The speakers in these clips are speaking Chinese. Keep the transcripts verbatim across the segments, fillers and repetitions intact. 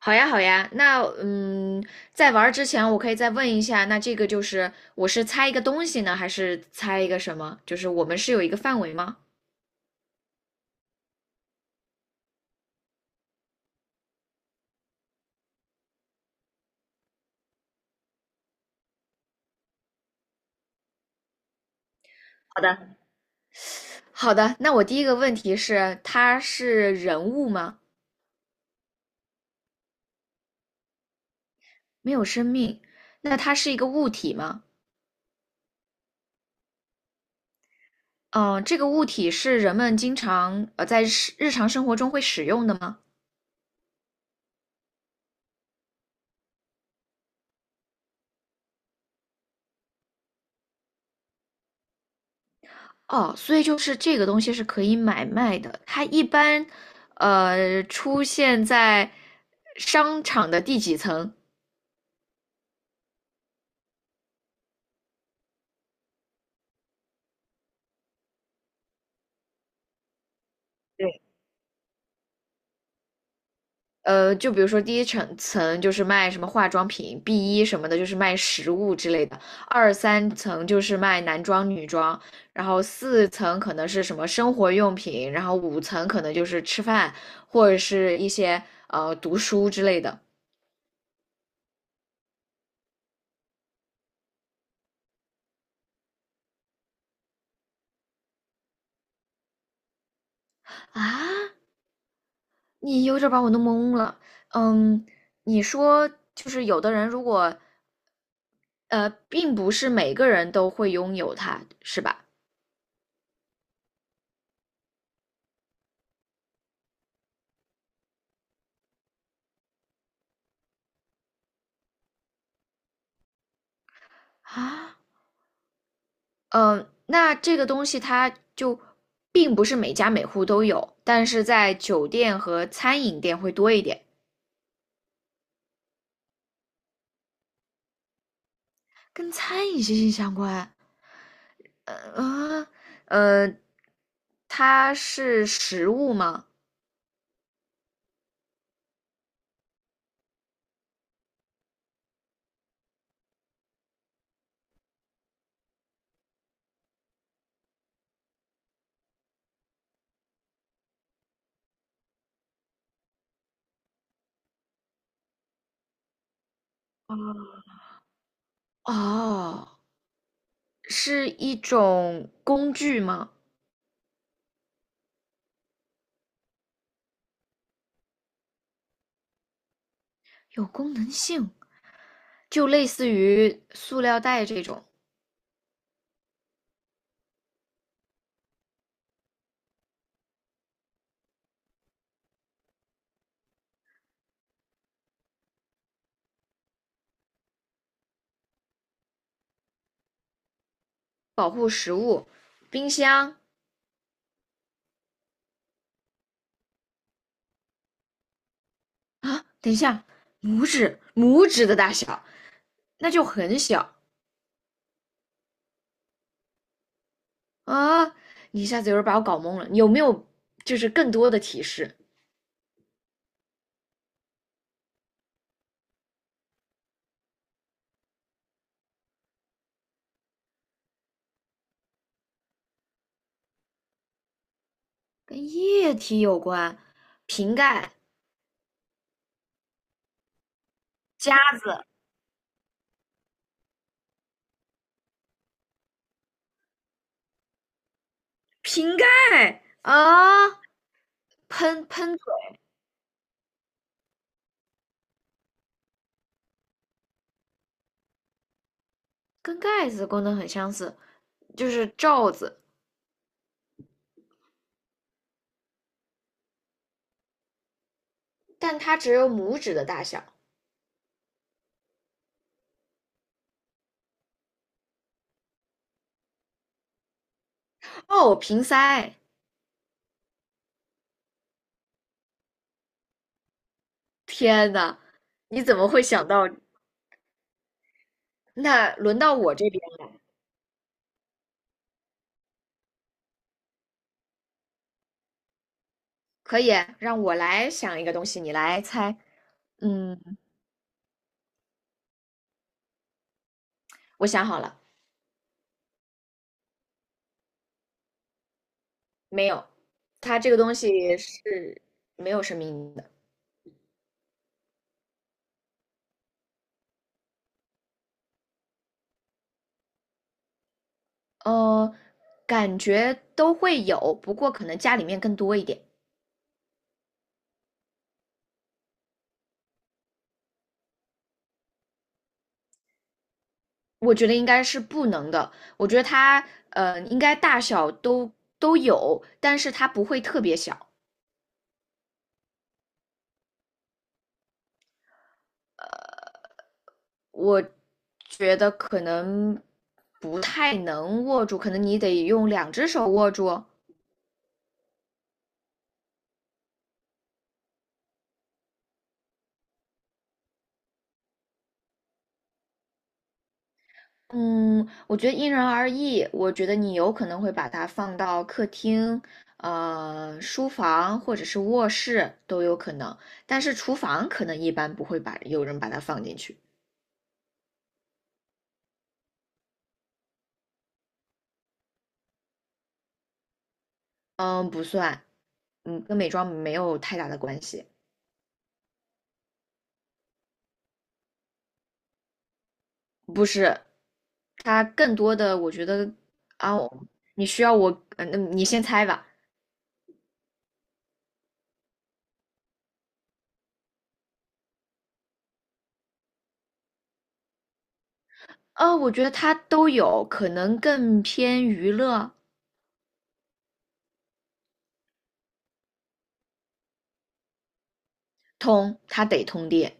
好呀，好呀，那嗯，在玩儿之前，我可以再问一下，那这个就是我是猜一个东西呢，还是猜一个什么？就是我们是有一个范围吗？好的，好的，那我第一个问题是，它是人物吗？没有生命，那它是一个物体吗？嗯、呃这个物体是人们经常呃在日日常生活中会使用的吗？哦，所以就是这个东西是可以买卖的，它一般呃出现在商场的第几层？对，呃，就比如说第一层层就是卖什么化妆品，B 一什么的，就是卖食物之类的；二三层就是卖男装、女装，然后四层可能是什么生活用品，然后五层可能就是吃饭或者是一些呃读书之类的。啊，你有点儿把我弄懵了。嗯，你说就是有的人如果呃，并不是每个人都会拥有它，是吧？啊。嗯呃，那这个东西它就并不是每家每户都有，但是在酒店和餐饮店会多一点，跟餐饮息息相关。呃啊，呃，它是食物吗？啊，哦，是一种工具吗？有功能性，就类似于塑料袋这种保护食物，冰箱啊，等一下，拇指拇指的大小。那就很小啊！你一下子有点把我搞懵了。有没有就是更多的提示？跟液体有关，瓶盖、夹子、瓶盖啊，喷喷嘴，跟盖子功能很相似，就是罩子，但它只有拇指的大小。哦，瓶塞！天呐，你怎么会想到？那轮到我这边了，可以让我来想一个东西，你来猜。嗯，我想好了。没有，它这个东西是没有生命的。呃，感觉都会有，不过可能家里面更多一点。我觉得应该是不能的。我觉得它呃应该大小都都有，但是它不会特别小。我觉得可能不太能握住，可能你得用两只手握住。嗯，我觉得因人而异。我觉得你有可能会把它放到客厅、呃，书房或者是卧室都有可能，但是厨房可能一般不会把有人把它放进去。嗯，不算，嗯，跟美妆没有太大的关系。不是，它更多的我觉得啊，你需要我，嗯，嗯你先猜吧。啊，我觉得它都有，可能更偏娱乐通，它得通电。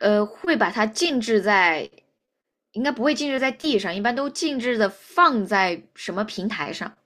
呃，会把它静置在，应该不会静置在地上，一般都静置的放在什么平台上？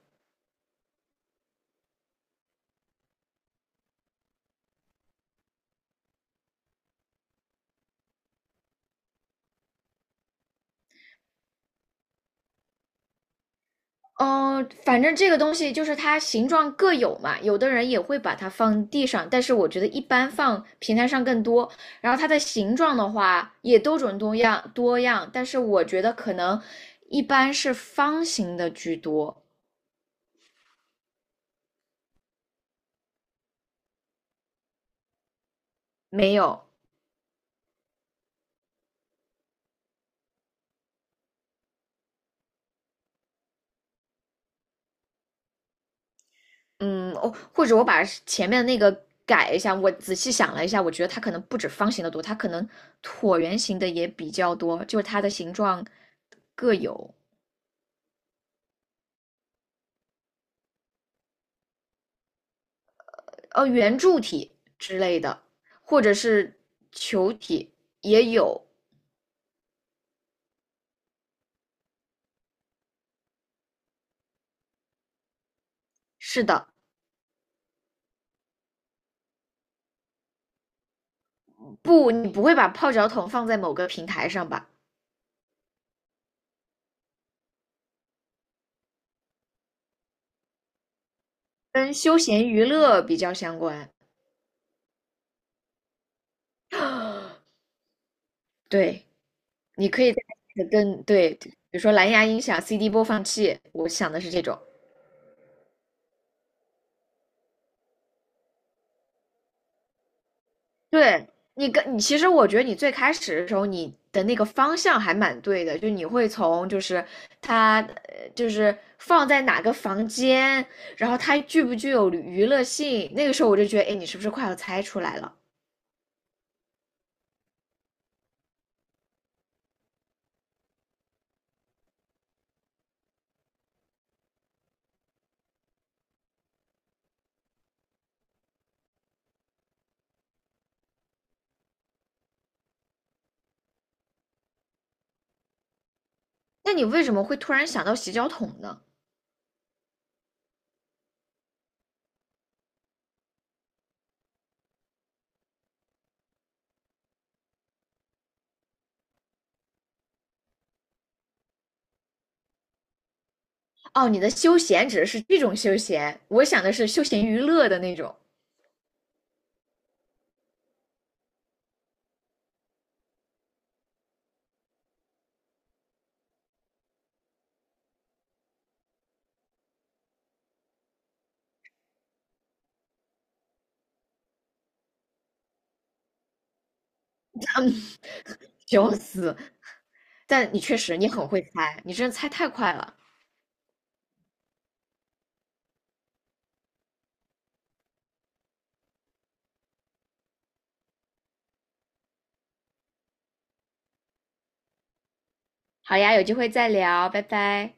嗯、反正这个东西就是它形状各有嘛，有的人也会把它放地上，但是我觉得一般放平台上更多。然后它的形状的话也多种多样多样，但是我觉得可能一般是方形的居多，没有嗯，哦，或者我把前面那个改一下，我仔细想了一下，我觉得它可能不止方形的多，它可能椭圆形的也比较多，就是它的形状各有，呃，圆柱体之类的，或者是球体也有。是的，不，你不会把泡脚桶放在某个平台上吧？跟休闲娱乐比较相关。对，你可以再跟对，比如说蓝牙音响、C D 播放器，我想的是这种。对你跟你，其实我觉得你最开始的时候，你的那个方向还蛮对的，就你会从就是它呃就是放在哪个房间，然后它具不具有娱乐性，那个时候我就觉得，哎，你是不是快要猜出来了？那你为什么会突然想到洗脚桶呢？哦，你的休闲指的是这种休闲，我想的是休闲娱乐的那种，笑死！但你确实你很会猜，你真的猜太快了。好呀，有机会再聊，拜拜。